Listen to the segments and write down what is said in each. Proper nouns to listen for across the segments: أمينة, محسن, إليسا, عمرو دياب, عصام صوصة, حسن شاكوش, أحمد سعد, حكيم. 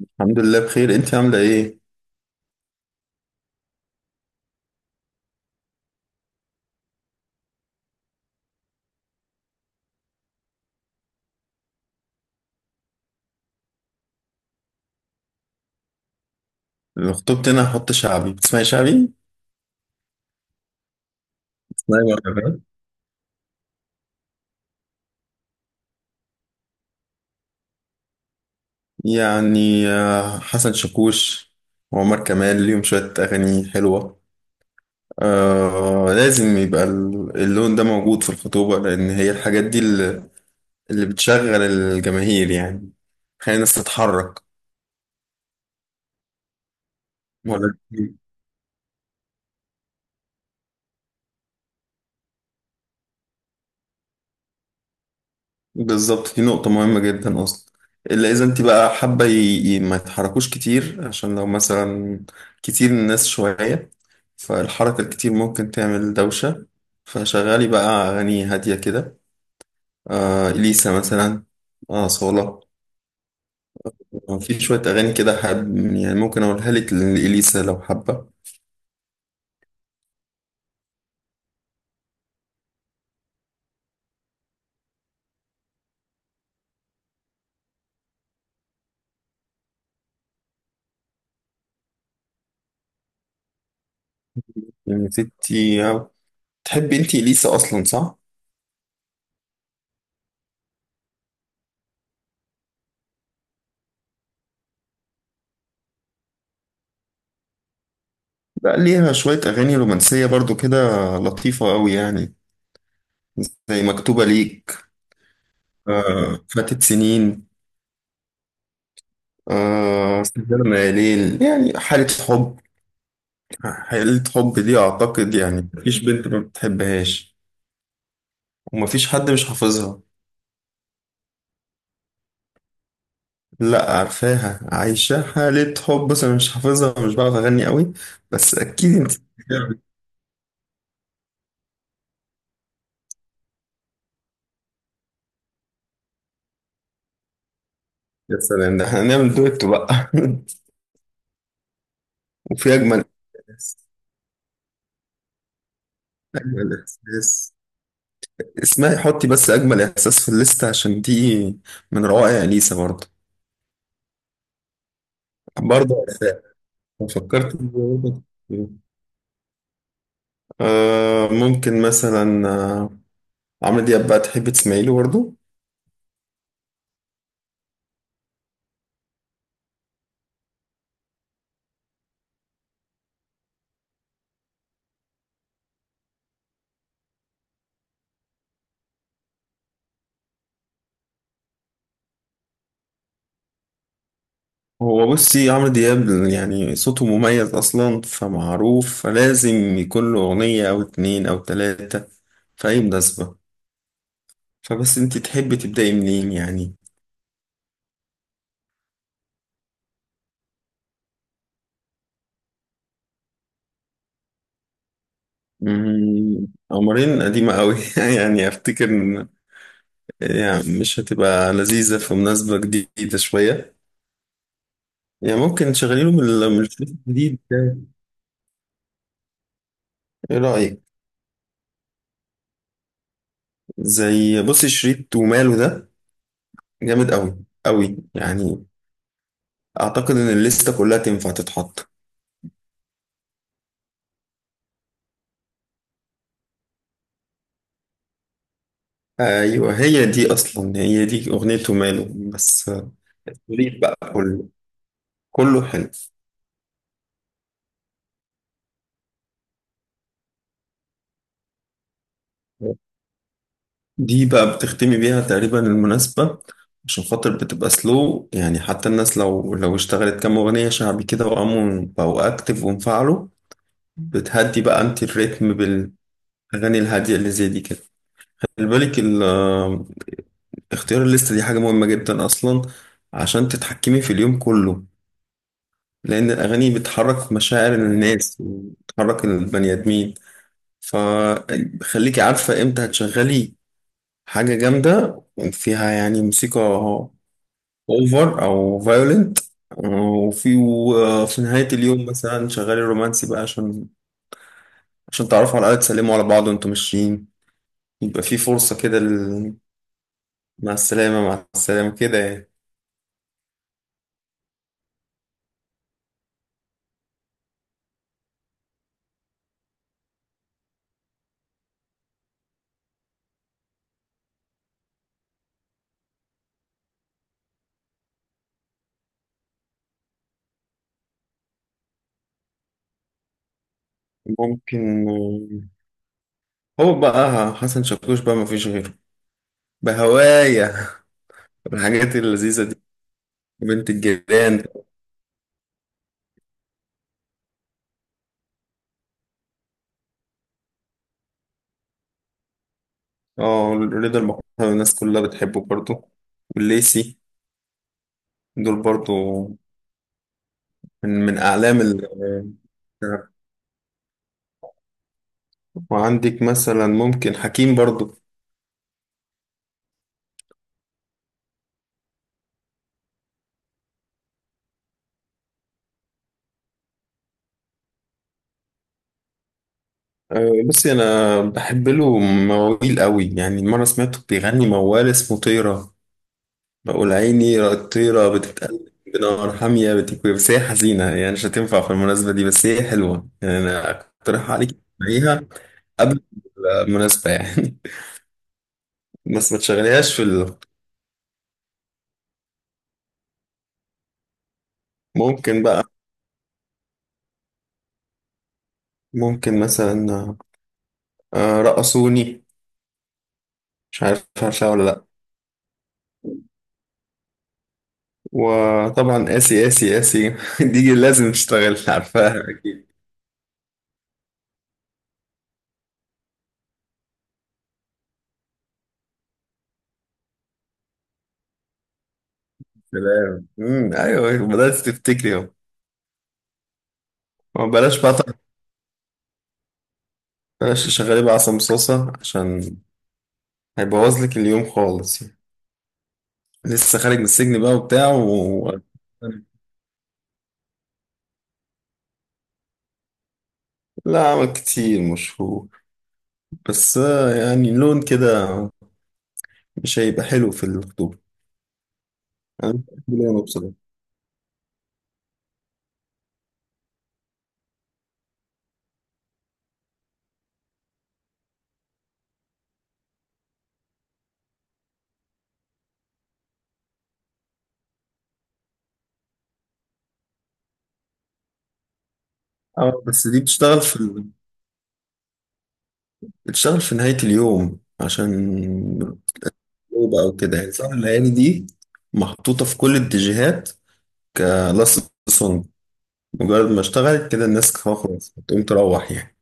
الحمد لله بخير، انت عامله ايه؟ لو خطبت انا هحط شعبي. بتسمعي شعبي؟ اسمعي بقى، فاهم يعني. حسن شاكوش وعمر كمال ليهم شويه اغاني حلوه. آه، لازم يبقى اللون ده موجود في الخطوبه، لان هي الحاجات دي اللي بتشغل الجماهير يعني. خلي الناس تتحرك. ولا بالظبط، دي نقطة مهمة جدا أصلا. إلا إذا أنت بقى حابة ما يتحركوش كتير، عشان لو مثلا كتير، الناس شوية، فالحركة الكتير ممكن تعمل دوشة. فشغالي بقى أغاني هادية كده. آه، إليسا مثلا. آه، صولة. في شوية أغاني كده حب، يعني ممكن أقولها لك لإليسا لو حابة. يعني ستي تحبي أنت إليسا أصلا، صح؟ بقى ليها شوية أغاني رومانسية برضو كده، لطيفة أوي يعني. زي مكتوبة ليك، فاتت سنين، سجارة ميالين، يعني حالة حب. حالة حب دي أعتقد يعني مفيش بنت ما بتحبهاش، ومفيش حد مش حافظها. لا، عارفاها عايشة حالة حب، بس أنا مش حافظها، مش بعرف أغني قوي. بس أكيد أنت. يا سلام، ده احنا هنعمل دويتو بقى وفي أجمل إحساس. أجمل إحساس، اسمعي حطي بس أجمل إحساس في الليستة، عشان دي من روائع أليسا برضه. برضه عارفاها. فكرت إن هو ده. آه، ممكن مثلا عمرو دياب بقى، تحب تسمعي له برضه؟ هو بصي عمرو دياب يعني صوته مميز أصلا، فمعروف، فلازم يكون له أغنية أو اتنين أو تلاتة في أي مناسبة. فبس أنت تحبي تبدأي منين يعني. مم، قمرين قديمة أوي يعني أفتكر يعني مش هتبقى لذيذة في مناسبة جديدة شوية. يعني ممكن تشغلي له من من الشريط الجديد ده. إيه رأيك؟ زي بصي شريط وماله ده، جامد قوي، قوي يعني. اعتقد ان الليسته كلها تنفع تتحط. ايوه، هي دي اصلا، هي دي اغنيته ماله. بس التوليد بقى كله، كله حلو. دي بقى بتختمي بيها تقريبا المناسبة، عشان خاطر بتبقى سلو، يعني حتى الناس لو اشتغلت كام أغنية شعبي كده وقاموا بقوا أكتف وانفعلوا، بتهدي بقى أنت الريتم بالأغاني الهادية اللي زي دي كده. خلي بالك، اختيار الليستة دي حاجة مهمة جدا أصلا، عشان تتحكمي في اليوم كله، لأن الأغاني بتحرك مشاعر الناس وبتحرك البني آدمين. فخليكي عارفة إمتى هتشغلي حاجة جامدة فيها يعني موسيقى أوفر أو فايولنت، وفي نهاية اليوم مثلا شغالي رومانسي بقى، عشان عشان تعرفوا على الأقل تسلموا على بعض وأنتم ماشيين. يبقى في فرصة كده مع السلامة مع السلامة كده يعني. ممكن، هو بقى حسن شاكوش بقى مفيش غيره بهوايا الحاجات اللذيذة دي. بنت الجيران. اه، رضا المحتوى، الناس كلها بتحبه برضو. والليسي، دول برضو من أعلام ال. وعندك مثلا ممكن حكيم برضو. آه، بصي أنا بحب له مواويل قوي. يعني مرة سمعته بيغني موال اسمه طيرة، بقول عيني الطيرة بتتقلب بنار حامية بتكوي. بس هي حزينة، يعني مش هتنفع في المناسبة دي، بس هي حلوة يعني. أنا أقترح عليك تسمعيها قبل المناسبة يعني بس ما تشغليهاش في ال... ممكن بقى، ممكن مثلا رقصوني، مش عارف عارفها ولا لأ. وطبعا آسي آسي آسي دي لازم تشتغل، عارفاها أكيد. سلام، مم، أيوه بدأت تفتكري أهو. بلاش بقى، بلاش تشغلي بقى عصام صوصة، عشان هيبوظ لك اليوم خالص. لسه خارج من السجن بقى وبتاع و... لا عمل كتير، مشهور، بس يعني لون كده مش هيبقى حلو في الخطوبة. أنا مش بحب لونه بصراحة. اه بس دي بتشتغل في ال... بتشتغل في نهاية اليوم عشان الخطوبة أو كده يعني. سهر الليالي دي محطوطة في كل اتجاهات، كلاست سونج. مجرد ما اشتغلت كده الناس خلاص هتقوم تروح يعني،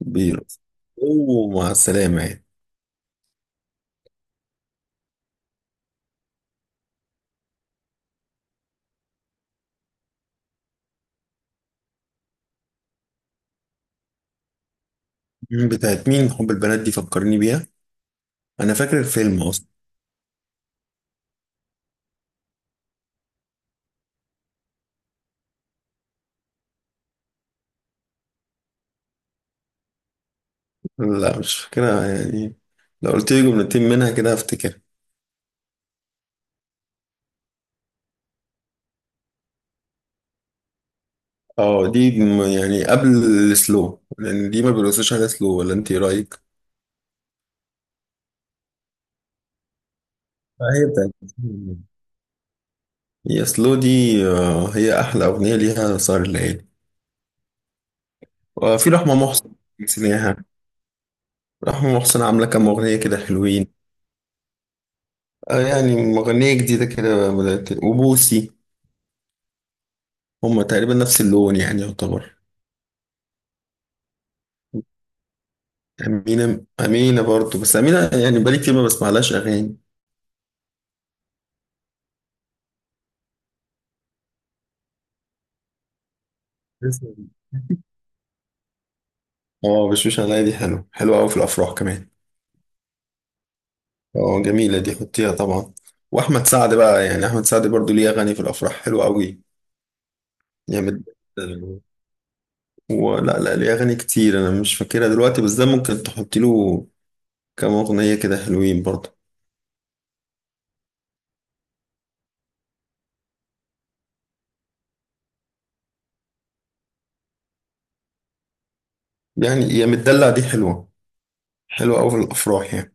بيرقص ومع السلامة يعني. مم، بتاعت مين حب البنات دي؟ فكرني بيها، انا فاكر الفيلم اصلا. لا مش فاكرها يعني، لو قلت لي جملتين منها كده هفتكر. اه دي يعني قبل السلو، لان دي ما بيرقصوش على سلو، ولا انت إيه رايك؟ آه، هي بتاعت، هي سلو دي. آه، هي احلى اغنيه ليها سهر الليالي. وفي رحمه محسن، نسيناها. رحمه محسن عامله كام اغنيه كده حلوين. آه، يعني مغنيه جديده كده بدات. وبوسي، هما تقريبا نفس اللون يعني يعتبر. أمينة، أمينة برضو، بس أمينة يعني بقالي كتير ما بسمعلهاش أغاني. لسه. اه بشوش عليا دي حلو، حلو أوي في الأفراح كمان. اه جميلة دي، حطيها طبعا. وأحمد سعد بقى، يعني أحمد سعد برضو ليه أغاني في الأفراح حلوة أوي. يعني ولا لا، ليه أغاني كتير أنا مش فاكرها دلوقتي، بس ده ممكن تحط له كام أغنية كده حلوين برضو. يعني يا متدلع دي حلوة، حلوة أوي في الأفراح يعني.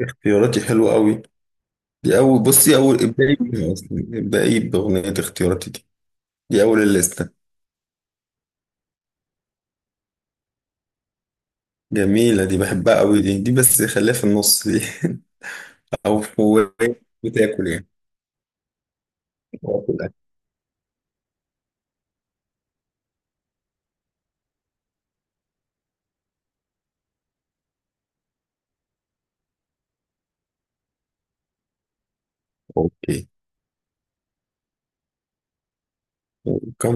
اختياراتي حلوة أوي، دي أول، بصي أول ابدأي بيها أصلا، ابدأي بأغنية اختياراتي دي، دي أول الليستة. جميلة دي بحبها أوي، دي دي بس خليها في النص دي أو هو بتاكل يعني، بتاكل أكل. أوكي. كم